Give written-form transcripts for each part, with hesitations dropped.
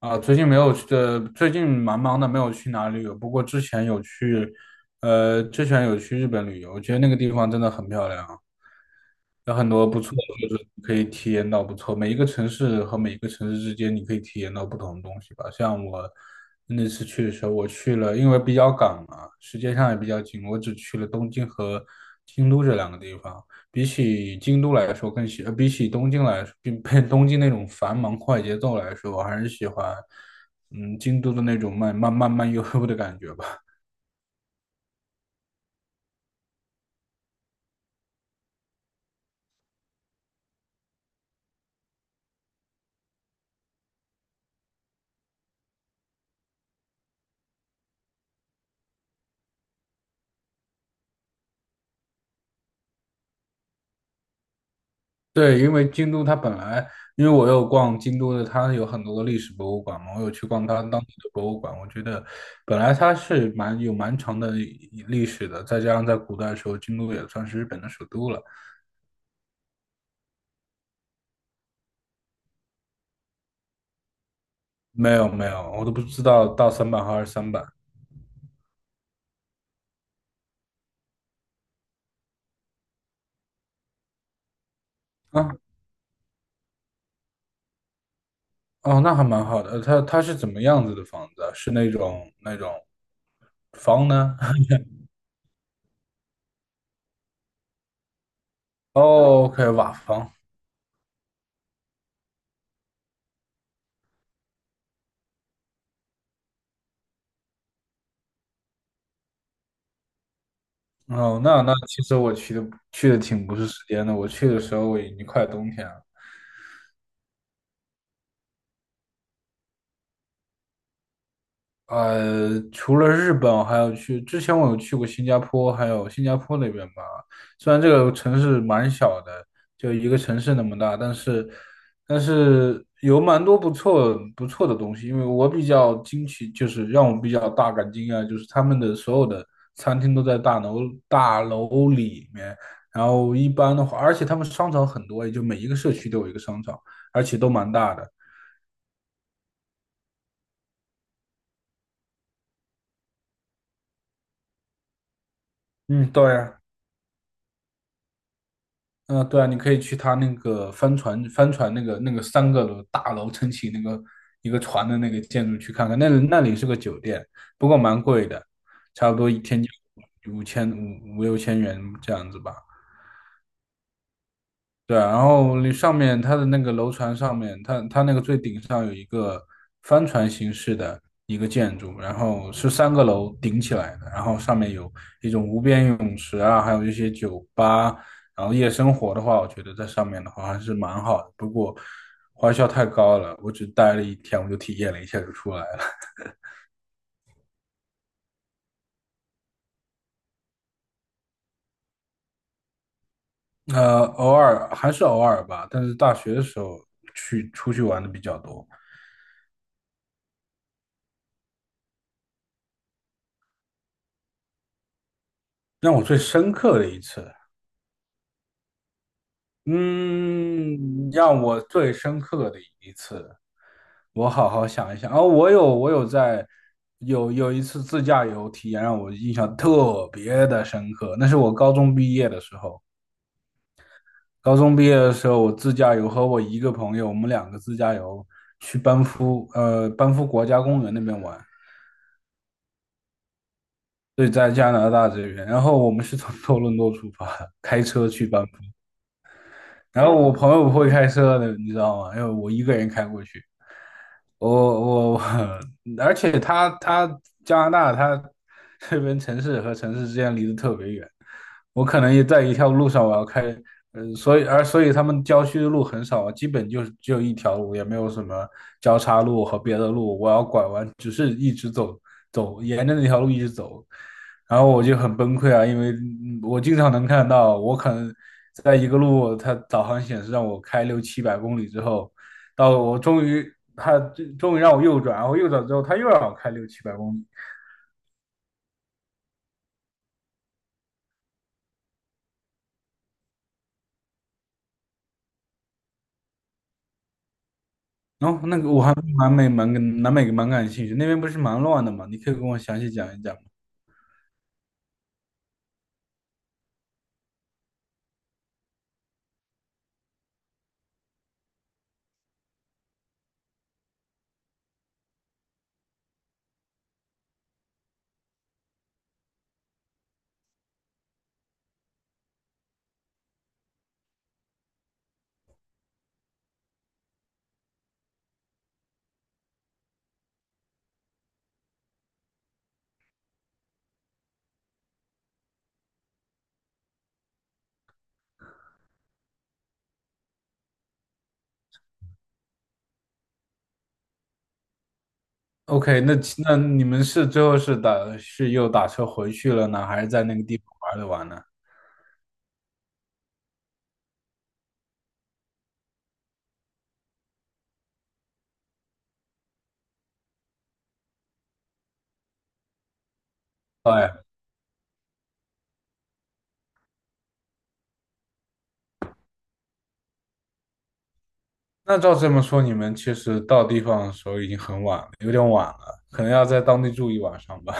啊，最近没有去，最近蛮忙的，没有去哪里旅游。不过之前有去日本旅游，我觉得那个地方真的很漂亮。有很多不错的，就是可以体验到不错。每一个城市和每一个城市之间，你可以体验到不同的东西吧。像我那次去的时候，我去了，因为比较赶嘛，时间上也比较紧，我只去了东京和京都这两个地方。比起东京来说，比 东京那种繁忙快节奏来说，我还是喜欢，京都的那种慢慢慢慢悠悠的感觉吧。对，因为我有逛京都的，它有很多的历史博物馆嘛，我有去逛它当地的博物馆，我觉得本来它是蛮长的一历史的，再加上在古代的时候，京都也算是日本的首都了。没有没有，我都不知道到三版和二三版啊。哦，那还蛮好的。它是怎么样子的房子啊是那种房呢？哦，OK,瓦房。哦，那其实我去的挺不是时间的，我去的时候已经快冬天了。除了日本，还有去，之前我有去过新加坡，还有新加坡那边吧。虽然这个城市蛮小的，就一个城市那么大，但是有蛮多不错的东西。因为我比较惊奇，就是让我比较大感惊讶，就是他们的所有的餐厅都在大楼里面。然后一般的话，而且他们商场很多，也就每一个社区都有一个商场，而且都蛮大的。嗯，对。嗯，对啊，你可以去他那个帆船那个三个楼大楼撑起那个一个船的那个建筑去看看，那里是个酒店，不过蛮贵的，差不多一天就五六千元这样子吧。对啊然后那上面它的那个楼船上面，它那个最顶上有一个帆船形式的一个建筑，然后是三个楼顶起来的，然后上面有一种无边泳池啊，还有一些酒吧，然后夜生活的话，我觉得在上面的话还是蛮好的，不过花销太高了，我只待了一天，我就体验了一下就出来了。偶尔还是偶尔吧，但是大学的时候出去玩的比较多。让我最深刻的一次。嗯，让我最深刻的一次，我好好想一想。哦，我有我有在有有一次自驾游体验让我印象特别的深刻，那是我高中毕业的时候。高中毕业的时候，我自驾游和我一个朋友，我们两个自驾游去班夫国家公园那边玩。对，在加拿大这边，然后我们是从多伦多出发的开车去班夫。然后我朋友不会开车的，你知道吗？因为我一个人开过去。我，而且加拿大这边城市和城市之间离得特别远，我可能也在一条路上我要开，所以他们郊区的路很少，基本就是只有一条路，也没有什么交叉路和别的路，我要拐弯，只是一直走走，沿着那条路一直走，然后我就很崩溃啊，因为我经常能看到，我可能在一个路，它导航显示让我开六七百公里之后。到我终于他终于让我右转，然后右转之后他又让我开六七百公里。然后那个我还对南美蛮感兴趣，那边不是蛮乱的嘛？你可以跟我详细讲一讲吗？OK，那你们是最后是又打车回去了呢，还是在那个地方玩了玩呢？哎，那照这么说，你们其实到地方的时候已经很晚了，有点晚了，可能要在当地住一晚上吧。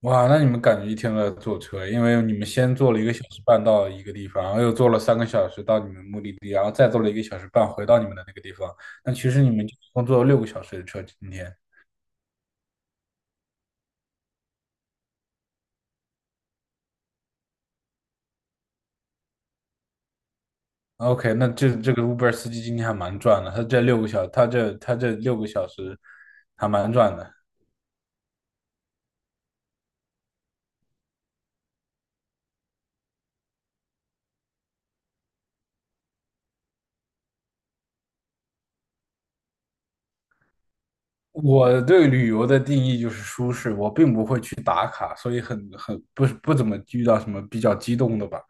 哇，那你们感觉一天都在坐车，因为你们先坐了一个小时半到一个地方，然后又坐了三个小时到你们目的地，然后再坐了一个小时半回到你们的那个地方。那其实你们就一共坐了六个小时的车今天。OK，那这个 Uber 司机今天还蛮赚的，他这六个小时还蛮赚的。我对旅游的定义就是舒适，我并不会去打卡，所以很不怎么遇到什么比较激动的吧。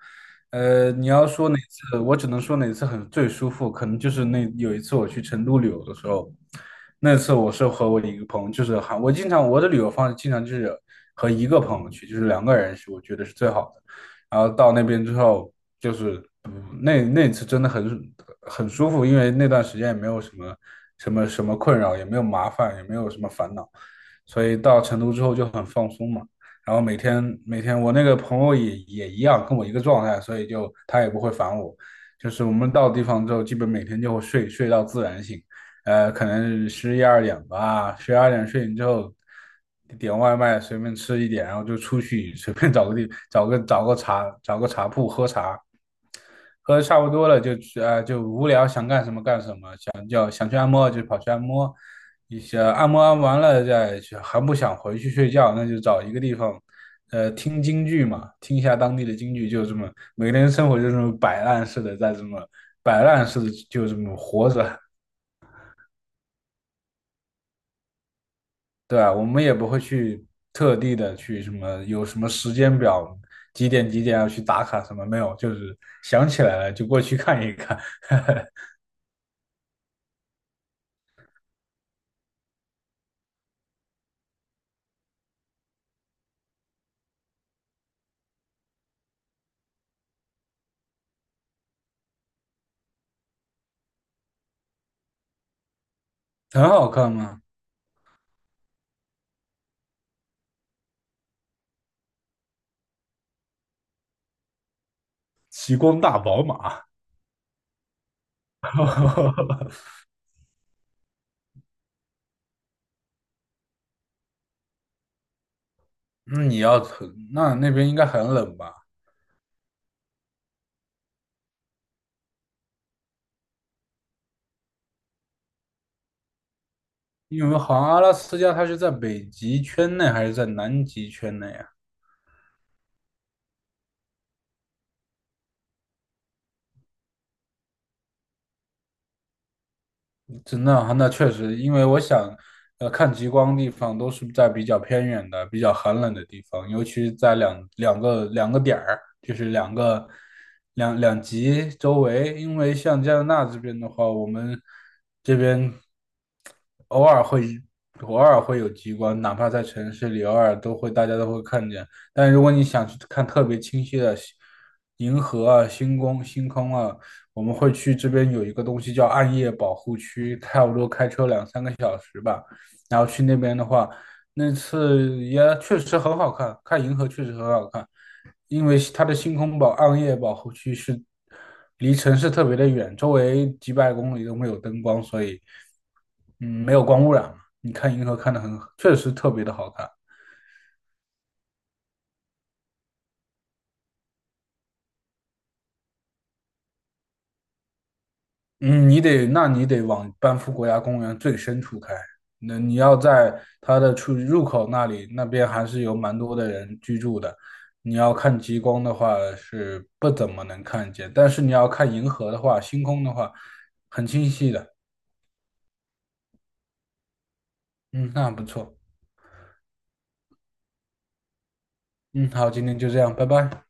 你要说哪次，我只能说哪次很最舒服，可能就是那有一次我去成都旅游的时候，那次我是和我一个朋友，就是还我经常我的旅游方式经常就是和一个朋友去，就是两个人去，我觉得是最好的。然后到那边之后，就是那次真的很舒服，因为那段时间也没有什么困扰，也没有麻烦，也没有什么烦恼，所以到成都之后就很放松嘛。然后每天我那个朋友也一样，跟我一个状态，所以就他也不会烦我。就是我们到地方之后，基本每天就会睡到自然醒，可能十一二点吧，十一二点睡醒之后，点外卖随便吃一点，然后就出去 随便找个地找个找个茶找个茶铺喝茶，喝的差不多了就无聊想干什么干什么，想去按摩就跑去按摩，一些按摩按完了再去，还不想回去睡觉，那就找一个地方，听京剧嘛，听一下当地的京剧，就这么每个人生活就这么摆烂似的，在这么摆烂似的就这么活着。对啊，我们也不会去特地的去什么有什么时间表，几点几点要去打卡什么没有，就是想起来了就过去看一看。很好看吗？极光大宝马。那你要那那边应该很冷吧？因为好像阿拉斯加它是在北极圈内还是在南极圈内啊？真的啊那确实，因为我想，看极光的地方都是在比较偏远的、比较寒冷的地方，尤其在两个点儿，就是两个两极周围。因为像加拿大这边的话，我们这边偶尔会偶尔会有极光，哪怕在城市里，偶尔都会大家都会看见。但如果你想去看特别清晰的银河啊、星空啊，我们会去这边有一个东西叫暗夜保护区，差不多开车2-3个小时吧。然后去那边的话，那次也确实很好看，看银河确实很好看，因为它的星空保暗夜保护区是离城市特别的远，周围几百公里都没有灯光，所以嗯没有光污染嘛。你看银河看的很，确实特别的好看。嗯，那你得往班夫国家公园最深处开。那你要在它的出入口那里，那边还是有蛮多的人居住的。你要看极光的话是不怎么能看见，但是你要看银河的话，星空的话很清晰的。嗯，那不错。嗯，好，今天就这样，拜拜。